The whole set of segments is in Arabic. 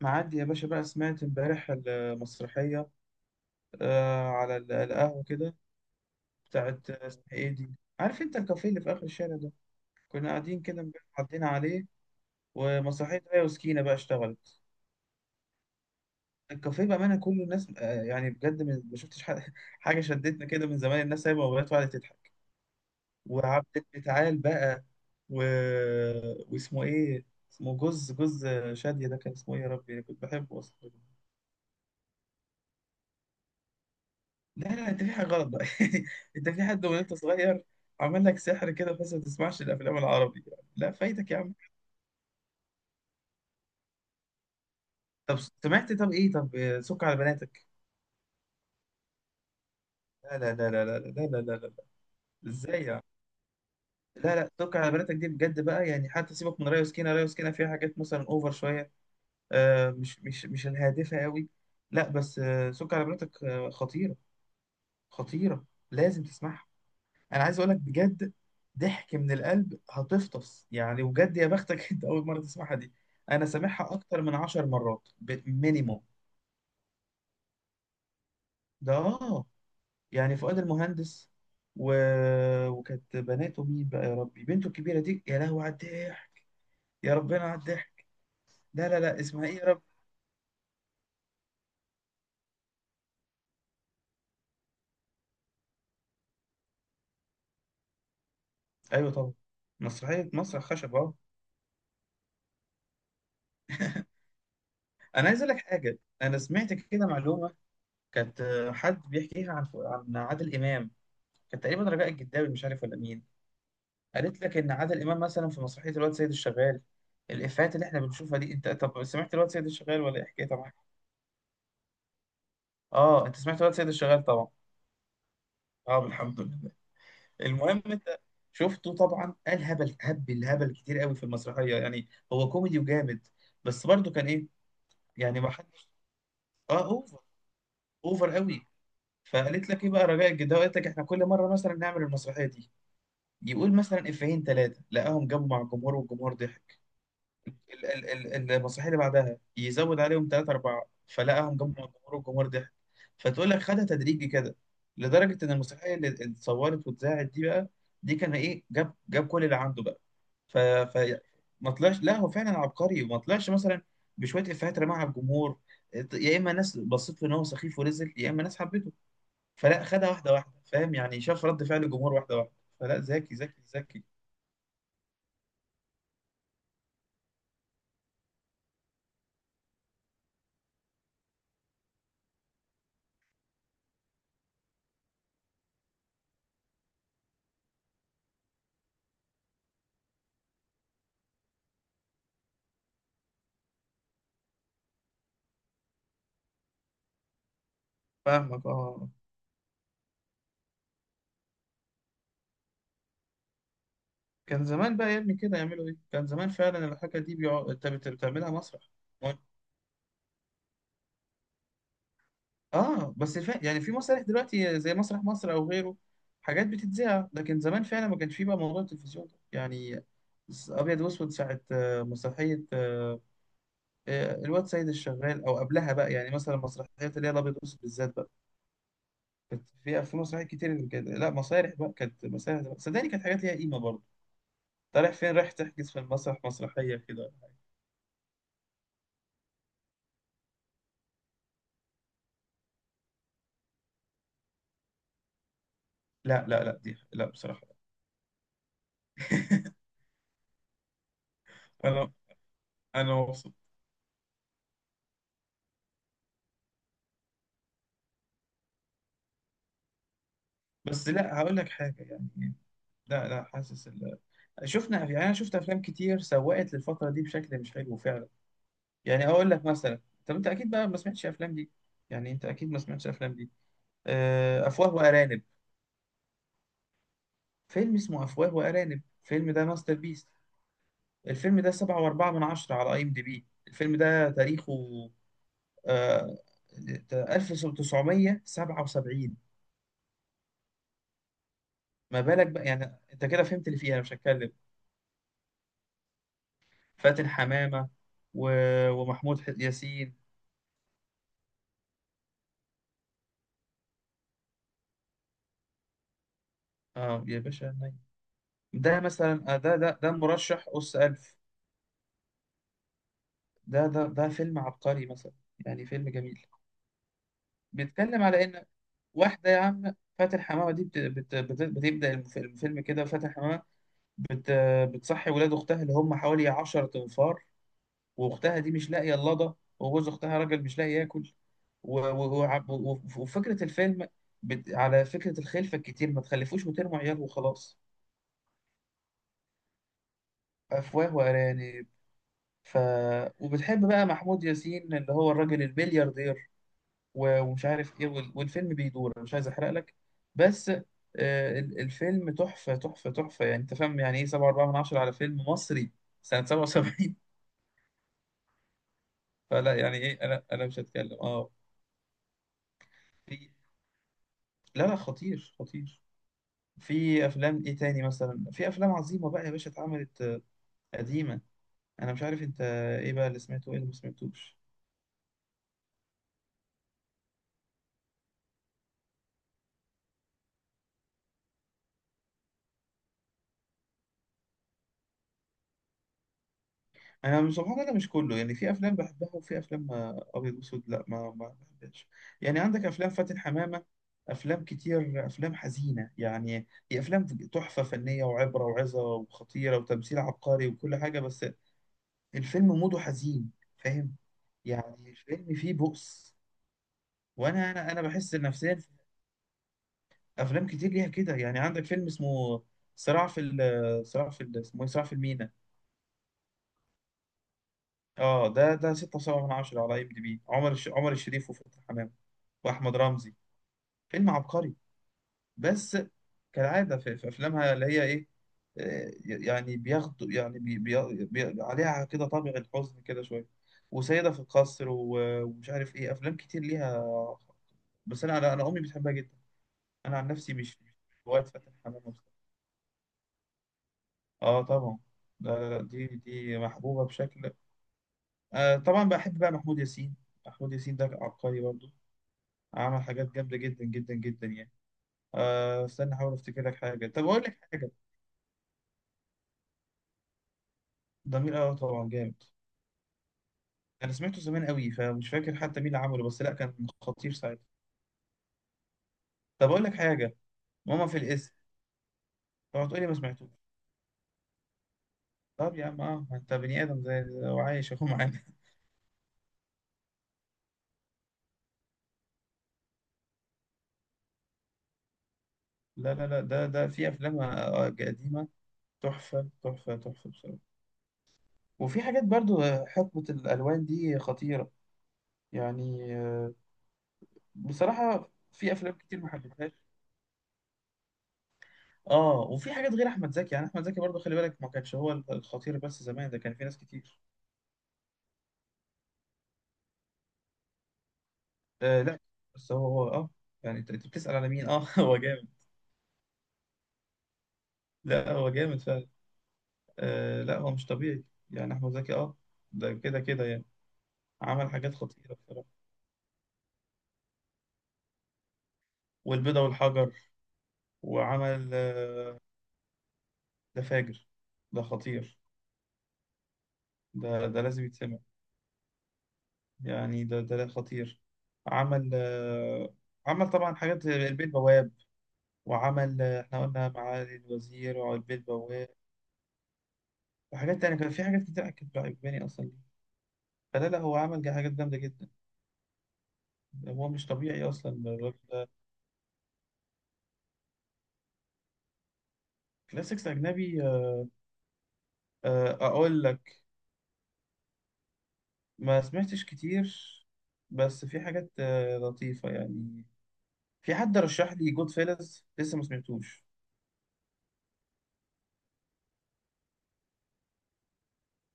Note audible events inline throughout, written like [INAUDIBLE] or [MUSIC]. معدي يا باشا بقى، سمعت امبارح المسرحية على القهوة كده بتاعت، اسمها ايه دي؟ عارف انت الكافيه اللي في آخر الشارع ده؟ كنا قاعدين كده امبارح، عدينا عليه ومسرحية آية وسكينة بقى اشتغلت. الكافيه بأمانة كله، الناس يعني بجد ما شفتش حاجة، [LAUGHS] حاجة شدتنا كده من زمان. الناس سايبة موبايلات وقعدت تضحك. وعبد تعال بقى و... واسمه ايه؟ اسمه جوز جوز شادية، ده كان اسمه ايه يا ربي؟ كنت بحبه أصلا. لا لا، انت في حاجه غلط بقى. [LAUGHS] انت في حد وانت صغير عمل لك سحر كده، بس ما تسمعش الافلام العربي. لا فايتك يا عم. طب سمعت؟ طب ايه؟ طب، سك على بناتك. لا لا لا لا لا لا لا لا لا لا. ازاي يعني؟ لا لا، سك على بناتك دي بجد بقى يعني. حتى سيبك من ريا وسكينه، ريا وسكينه فيها حاجات مثلا اوفر شويه. آه، مش الهادفه قوي، لا. بس آه، سك على بناتك خطيره، خطيره. لازم تسمعها. انا عايز اقول لك بجد، ضحك من القلب هتفطس يعني، وجد يا بختك. [LAUGHS] انت اول مره تسمعها دي؟ انا سامعها اكتر من عشر مرات، مينيموم. ده اه، يعني فؤاد المهندس و... وكانت بناته مين بقى يا ربي؟ بنته الكبيره دي يا لهوي على الضحك، يا ربنا على الضحك. لا لا لا، اسمها ايه يا رب؟ ايوه طبعا، مسرحيه مسرح خشب اه. انا عايز اقول لك حاجه، انا سمعت كده معلومه. كانت، آه، حد بيحكيها عن عادل امام. كان تقريبا رجاء الجداوي، مش عارف ولا مين. قالت لك ان عادل امام مثلا في مسرحيه الواد سيد الشغال، الافيهات اللي احنا بنشوفها دي. انت طب سمعت الواد سيد الشغال ولا ايه حكايتها معاك؟ اه انت سمعت الواد سيد الشغال طبعا. اه الحمد لله. المهم انت شفته طبعا، قال هبل هبل هبل كتير قوي في المسرحيه يعني. هو كوميدي وجامد. بس برضه كان ايه يعني، ما حدش. اه اوفر، اوفر قوي. فقالت لك ايه بقى رجاء الجداوي؟ قالت لك احنا كل مره مثلا نعمل المسرحيه دي، يقول مثلا افيهين ثلاثه لقاهم جابوا مع الجمهور والجمهور ضحك. المسرحيه اللي بعدها يزود عليهم ثلاثة أربعة، فلقاهم جمعوا الجمهور والجمهور ضحك. فتقول لك خدها تدريجي كده، لدرجة إن المسرحية اللي اتصورت واتذاعت دي بقى، دي كان إيه، جاب جاب كل اللي عنده بقى. ف, ف... ما طلعش، لا هو فعلا عبقري، ما طلعش مثلا بشوية إفيهات رماها على الجمهور، يا إما ناس بصيت له إن هو سخيف ونزل، يا إما ناس حبته. فلا، خدها واحدة واحدة، فاهم يعني، شاف رد فعل الجمهور واحدة واحدة. فلا ذكي ذكي ذكي. فاهمك اه. كان زمان بقى يا ابني كده يعملوا ايه، كان زمان فعلا الحاجه دي بيقعد، انت بتعملها مسرح. اه بس يعني في مسارح دلوقتي زي مسرح مصر او غيره، حاجات بتتذاع. لكن زمان فعلا ما كانش فيه بقى موضوع التلفزيون ده يعني. ابيض واسود ساعه، مسرحيه، الواد سيد الشغال او قبلها بقى، يعني مثلا مسرحيات اللي هي الابيض واسود بالذات بقى كانت في، في مسرحيات كتير كده. لا مسارح بقى، كانت مسارح بقى. صدقني كانت حاجات ليها قيمه برضه. انت رايح فين؟ رايح تحجز في المسرح مسرحيه كده. لا لا لا دي، لا بصراحه. [LAUGHS] انا، انا مبسوط. بس لا هقول لك حاجه يعني، لا لا حاسس شفنا يعني، انا شفت افلام كتير سوقت للفتره دي بشكل مش حلو فعلا. يعني اقول لك مثلا، طب انت اكيد بقى ما سمعتش افلام دي، يعني انت اكيد ما سمعتش افلام دي، افواه وارانب. فيلم اسمه افواه وارانب، الفيلم ده ماستر بيس. الفيلم ده سبعة وأربعة من عشرة على اي ام دي بي، الفيلم ده تاريخه آه، 1977. ما بالك بقى يعني؟ انت كده فهمت اللي فيه، انا مش هتكلم. فاتن حمامة و... ومحمود ياسين. اه يا باشا نايم. ده مثلا، ده مرشح أس ألف، ده فيلم عبقري مثلا، يعني فيلم جميل. بيتكلم على إن واحدة، يا عم فاتن حمامة دي بتبدأ الفيلم كده. فاتن حمامة بت... بتصحي ولاد أختها اللي هم حوالي 10 أنفار، وأختها دي مش لاقية اللضا، وجوز أختها راجل مش لاقي ياكل، وفكرة الفيلم على فكرة الخلفة الكتير، ما تخلفوش وترموا عيال وخلاص، أفواه وأرانب. ف... وبتحب بقى محمود ياسين اللي هو الراجل البلياردير ومش عارف إيه، والفيلم بيدور. أنا مش عايز أحرق لك. بس، الفيلم تحفة تحفة تحفة يعني. أنت فاهم يعني إيه 7 4 من 10 على فيلم مصري سنة 77؟ [LAUGHS] فلا يعني إيه، أنا مش هتكلم أه. في، لا لا، خطير خطير. في أفلام إيه تاني مثلا؟ في أفلام عظيمة بقى يا باشا اتعملت، قديمة. أنا مش عارف أنت إيه بقى اللي سمعته وإيه اللي ما سمعتوش. انا سبحان الله مش كله يعني، في افلام بحبها وفي افلام ابيض واسود لا، ما بحبهاش. يعني عندك افلام فاتن حمامه، افلام كتير، افلام حزينه يعني. هي افلام تحفه فنيه وعبره وعظه وخطيره وتمثيل عبقري وكل حاجه، بس الفيلم موده حزين، فاهم يعني. الفيلم فيه بؤس، وانا انا بحس نفسيا. افلام كتير ليها كده. يعني عندك فيلم اسمه صراع صراع اسمه إيه؟ صراع في المينا. اه ده ده 6.7 من 10 على اي ام دي بي، عمر عمر الشريف وفتحي حمامة واحمد رمزي. فيلم عبقري، بس كالعادة في افلامها اللي هي ايه، يعني بياخدوا يعني عليها كده طابع الحزن كده شوية. وسيدة في القصر ومش عارف ايه، افلام كتير ليها. بس انا انا أنا امي بتحبها جدا. انا عن نفسي مش، مش هواية فتحي حمامة بصراحة. اه طبعا. لا لا لا، دي دي محبوبة بشكل. آه طبعا بحب بقى محمود ياسين. محمود ياسين ده عبقري برضه، عمل حاجات جامدة جدا جدا جدا يعني. آه استنى أحاول أفتكر لك حاجة. طب أقول لك حاجة. ضمير، أه طبعا جامد. أنا سمعته زمان قوي فمش فاكر حتى مين اللي عمله، بس لأ كان خطير ساعتها. طب أقول لك حاجة، ماما في الاسم. طب تقولي ما سمعتوش. طب يا عم أه، ما أنت بني آدم زي وعايش أهو معانا. [LAUGHS] لا لا لا، ده ده في أفلام، قديمة، تحفة تحفة تحفة بصراحة. وفي حاجات برضو، حقبة الألوان دي خطيرة يعني. بصراحة في أفلام كتير ما حبيتهاش. اه وفي حاجات غير احمد زكي يعني. احمد زكي برضه خلي بالك ما كانش هو الخطير بس، زمان ده كان في ناس كتير. آه لا بس هو اه، يعني انت بتسأل على مين اه؟ [LAUGHS] هو جامد. لا هو جامد فعلا. آه لا هو مش طبيعي يعني، احمد زكي اه، ده كده كده يعني عمل حاجات خطيرة بصراحة. والبيضة والحجر، وعمل آه، ده فاجر، ده خطير، ده ده لازم يتسمع. يعني ده ده لا خطير. عمل آه، عمل طبعا حاجات زي البيه البواب. وعمل، احنا قلنا معالي الوزير، وعلبة البواب، وحاجات تانية كان في حاجات كتير كانت عجباني اصلا ليه. فلا لا، هو عمل حاجات جامدة جدا. هو مش طبيعي اصلا الراجل ده. كلاسيكس اجنبي، اقول لك. ما سمعتش كتير بس في حاجات، لطيفة يعني. في حد رشح لي جود فيلز لسه ما سمعتوش.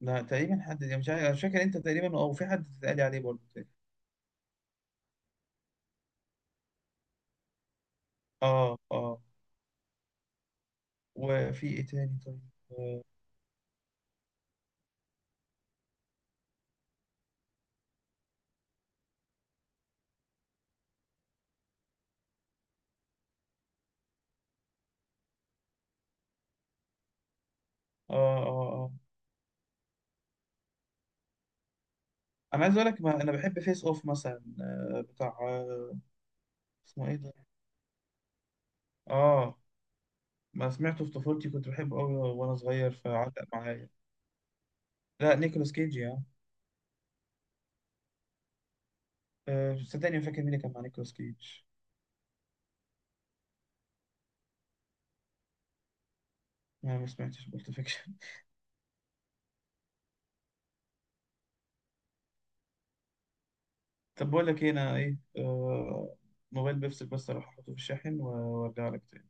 لا تقريبا حد يعني مش عارف، مش فاكر انت تقريبا او في حد اتقال لي عليه برضه تاني. اه اه. وفي ايه تاني طيب؟ اه اه اه آه. انا عايز اقول لك، ما انا بحب فيس اوف مثلا، بتاع، اسمه ايه ده؟ اه ما سمعته في طفولتي، كنت بحبه قوي وانا صغير فعلق معايا. لا نيكولاس كيج يا، صدقني ما فاكر مين اللي كان مع نيكولاس كيج. انا ما سمعتش بولت فيكشن. [LAUGHS] طب بقول لك ايه؟ انا ايه موبايل بيفصل، بس اروح احطه في الشاحن وارجع لك تاني.